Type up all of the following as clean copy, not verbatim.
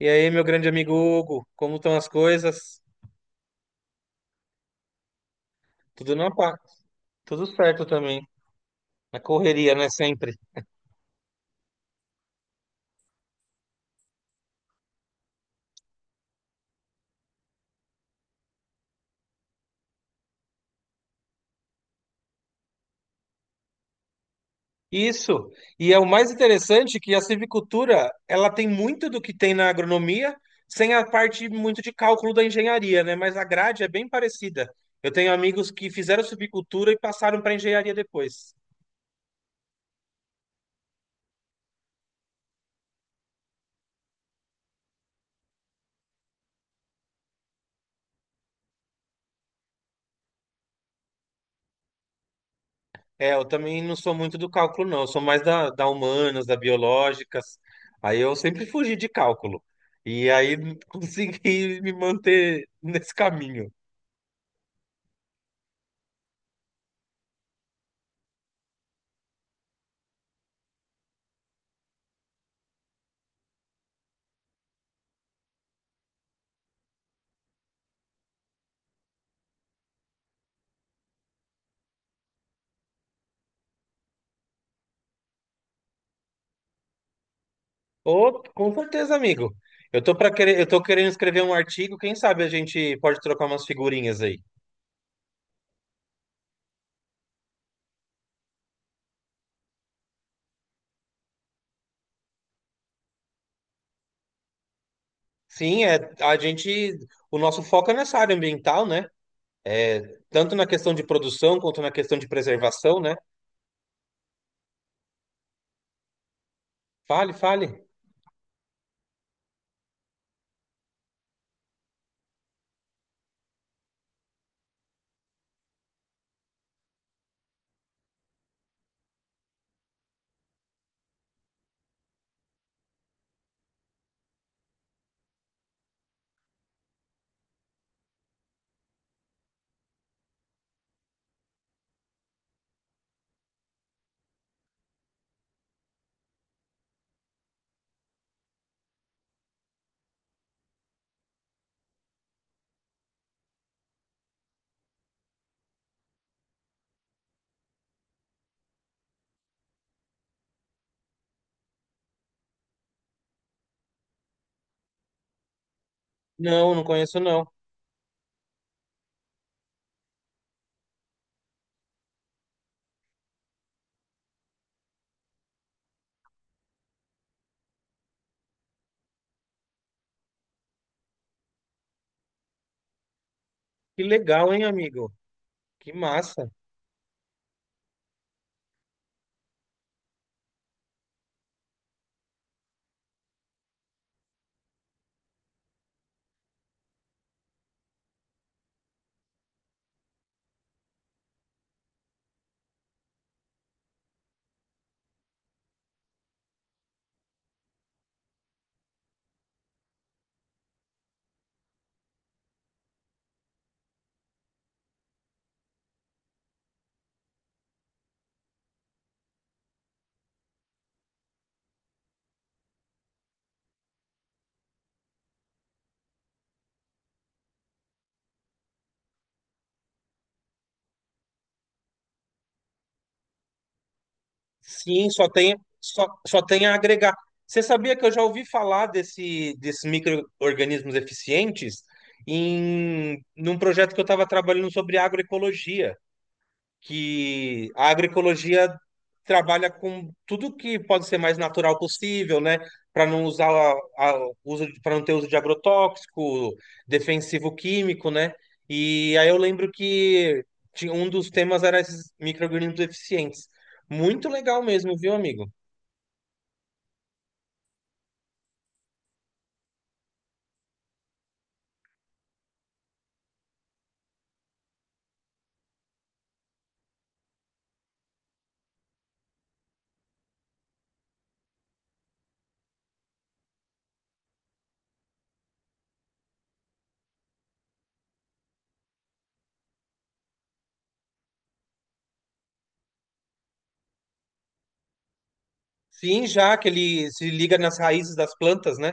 E aí, meu grande amigo Hugo, como estão as coisas? Tudo na paz, tudo certo também. Na correria, né? Sempre. Isso. E é o mais interessante que a civicultura, ela tem muito do que tem na agronomia, sem a parte muito de cálculo da engenharia, né? Mas a grade é bem parecida. Eu tenho amigos que fizeram civicultura e passaram para engenharia depois. É, eu também não sou muito do cálculo, não. Eu sou mais da humanas, da biológicas. Aí eu sempre fugi de cálculo. E aí consegui me manter nesse caminho. Ô, com certeza, amigo. Eu tô querendo escrever um artigo. Quem sabe a gente pode trocar umas figurinhas aí. Sim, é, a gente, o nosso foco é nessa área ambiental, né? É, tanto na questão de produção quanto na questão de preservação, né? Fale, fale. Não, não conheço, não. Que legal, hein, amigo? Que massa. Sim, só tem a agregar. Você sabia que eu já ouvi falar desses micro-organismos eficientes em num projeto que eu estava trabalhando sobre agroecologia? Que a agroecologia trabalha com tudo que pode ser mais natural possível, né? Para não usar a, para não ter uso de agrotóxico, defensivo químico, né? E aí eu lembro que um dos temas era esses micro-organismos eficientes. Muito legal mesmo, viu, amigo? Sim, já que ele se liga nas raízes das plantas, né?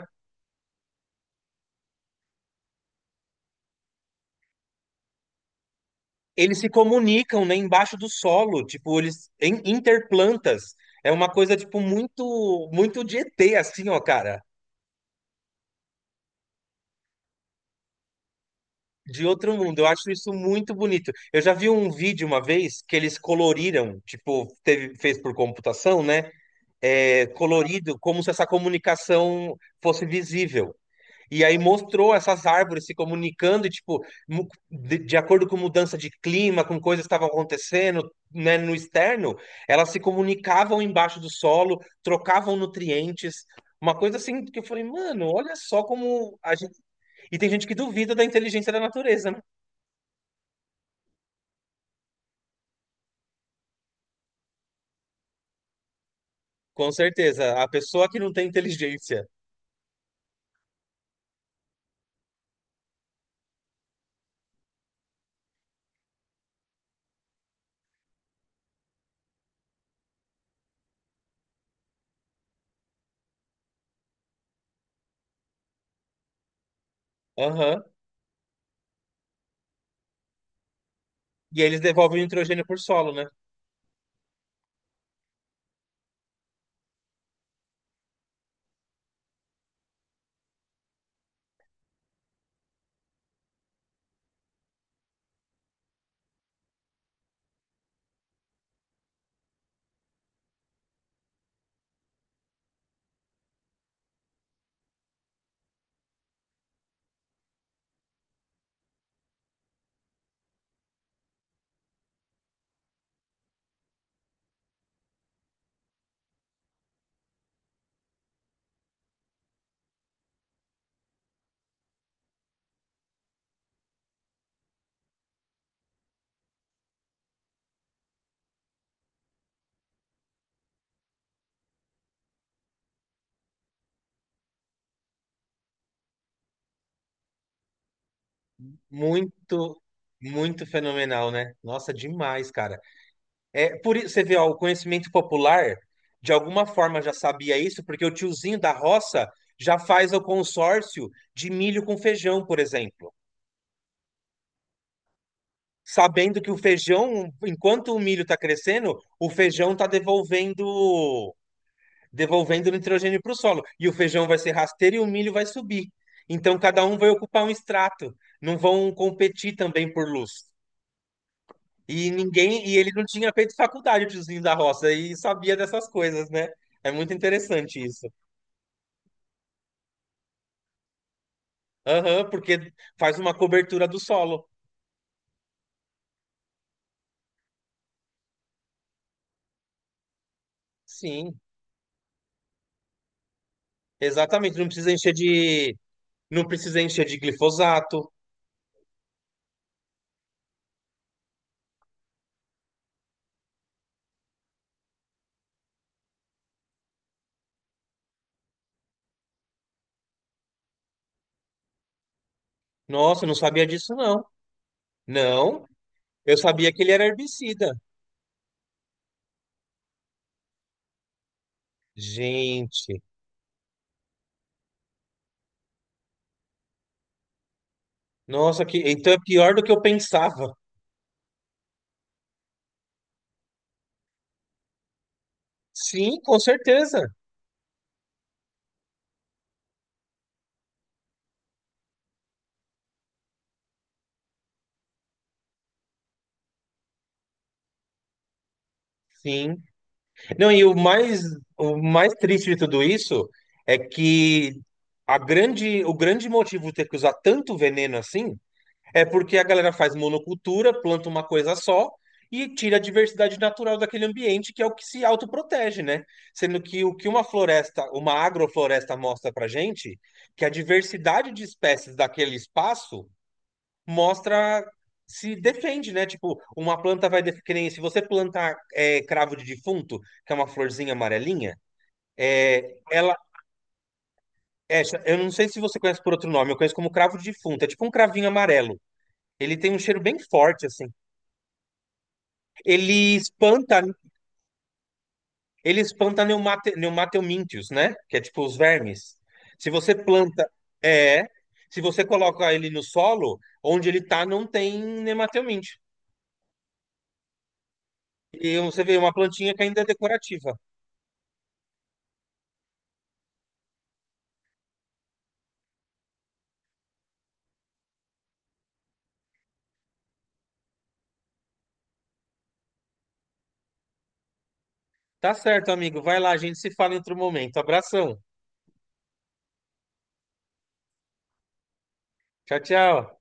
Eles se comunicam, né, embaixo do solo, tipo, eles em interplantas. É uma coisa, tipo, muito, muito de ET, assim, ó, cara. De outro mundo. Eu acho isso muito bonito. Eu já vi um vídeo uma vez que eles coloriram, tipo, teve, fez por computação, né? É, colorido, como se essa comunicação fosse visível. E aí mostrou essas árvores se comunicando, e, tipo, de acordo com mudança de clima, com coisas que estavam acontecendo, né, no externo, elas se comunicavam embaixo do solo, trocavam nutrientes, uma coisa assim que eu falei, mano, olha só como a gente... E tem gente que duvida da inteligência da natureza, né? Com certeza, a pessoa que não tem inteligência. Aham. E aí eles devolvem o nitrogênio por solo, né? Muito, muito fenomenal, né? Nossa, demais, cara. É, por, você vê, ó, o conhecimento popular, de alguma forma já sabia isso, porque o tiozinho da roça já faz o consórcio de milho com feijão, por exemplo. Sabendo que o feijão, enquanto o milho está crescendo, o feijão está devolvendo, devolvendo nitrogênio para o solo. E o feijão vai ser rasteiro e o milho vai subir. Então, cada um vai ocupar um estrato. Não vão competir também por luz. E ninguém, e ele não tinha feito faculdade, o tiozinho da roça, e sabia dessas coisas, né? É muito interessante isso. Aham, porque faz uma cobertura do solo. Sim, exatamente. Não precisa encher de glifosato. Nossa, eu não sabia disso, não. Não, eu sabia que ele era herbicida. Gente, nossa, que, então é pior do que eu pensava. Sim, com certeza. Sim. Não, e o mais triste de tudo isso é que a grande, o grande motivo de ter que usar tanto veneno assim é porque a galera faz monocultura, planta uma coisa só e tira a diversidade natural daquele ambiente, que é o que se autoprotege, né? Sendo que o que uma floresta, uma agrofloresta mostra pra gente, que a diversidade de espécies daquele espaço mostra se defende, né? Tipo, uma planta vai que nem se você plantar é, cravo de defunto, que é uma florzinha amarelinha, é, ela é, eu não sei se você conhece por outro nome, eu conheço como cravo de defunto, é tipo um cravinho amarelo. Ele tem um cheiro bem forte assim. Ele espanta, ele espanta neumateomíntios, né? Que é tipo os vermes. Se você planta, é, se você coloca ele no solo, onde ele tá não tem nemateomíntio. E você vê uma plantinha que ainda é decorativa. Tá certo, amigo. Vai lá, a gente se fala em outro momento. Abração. Tchau, tchau.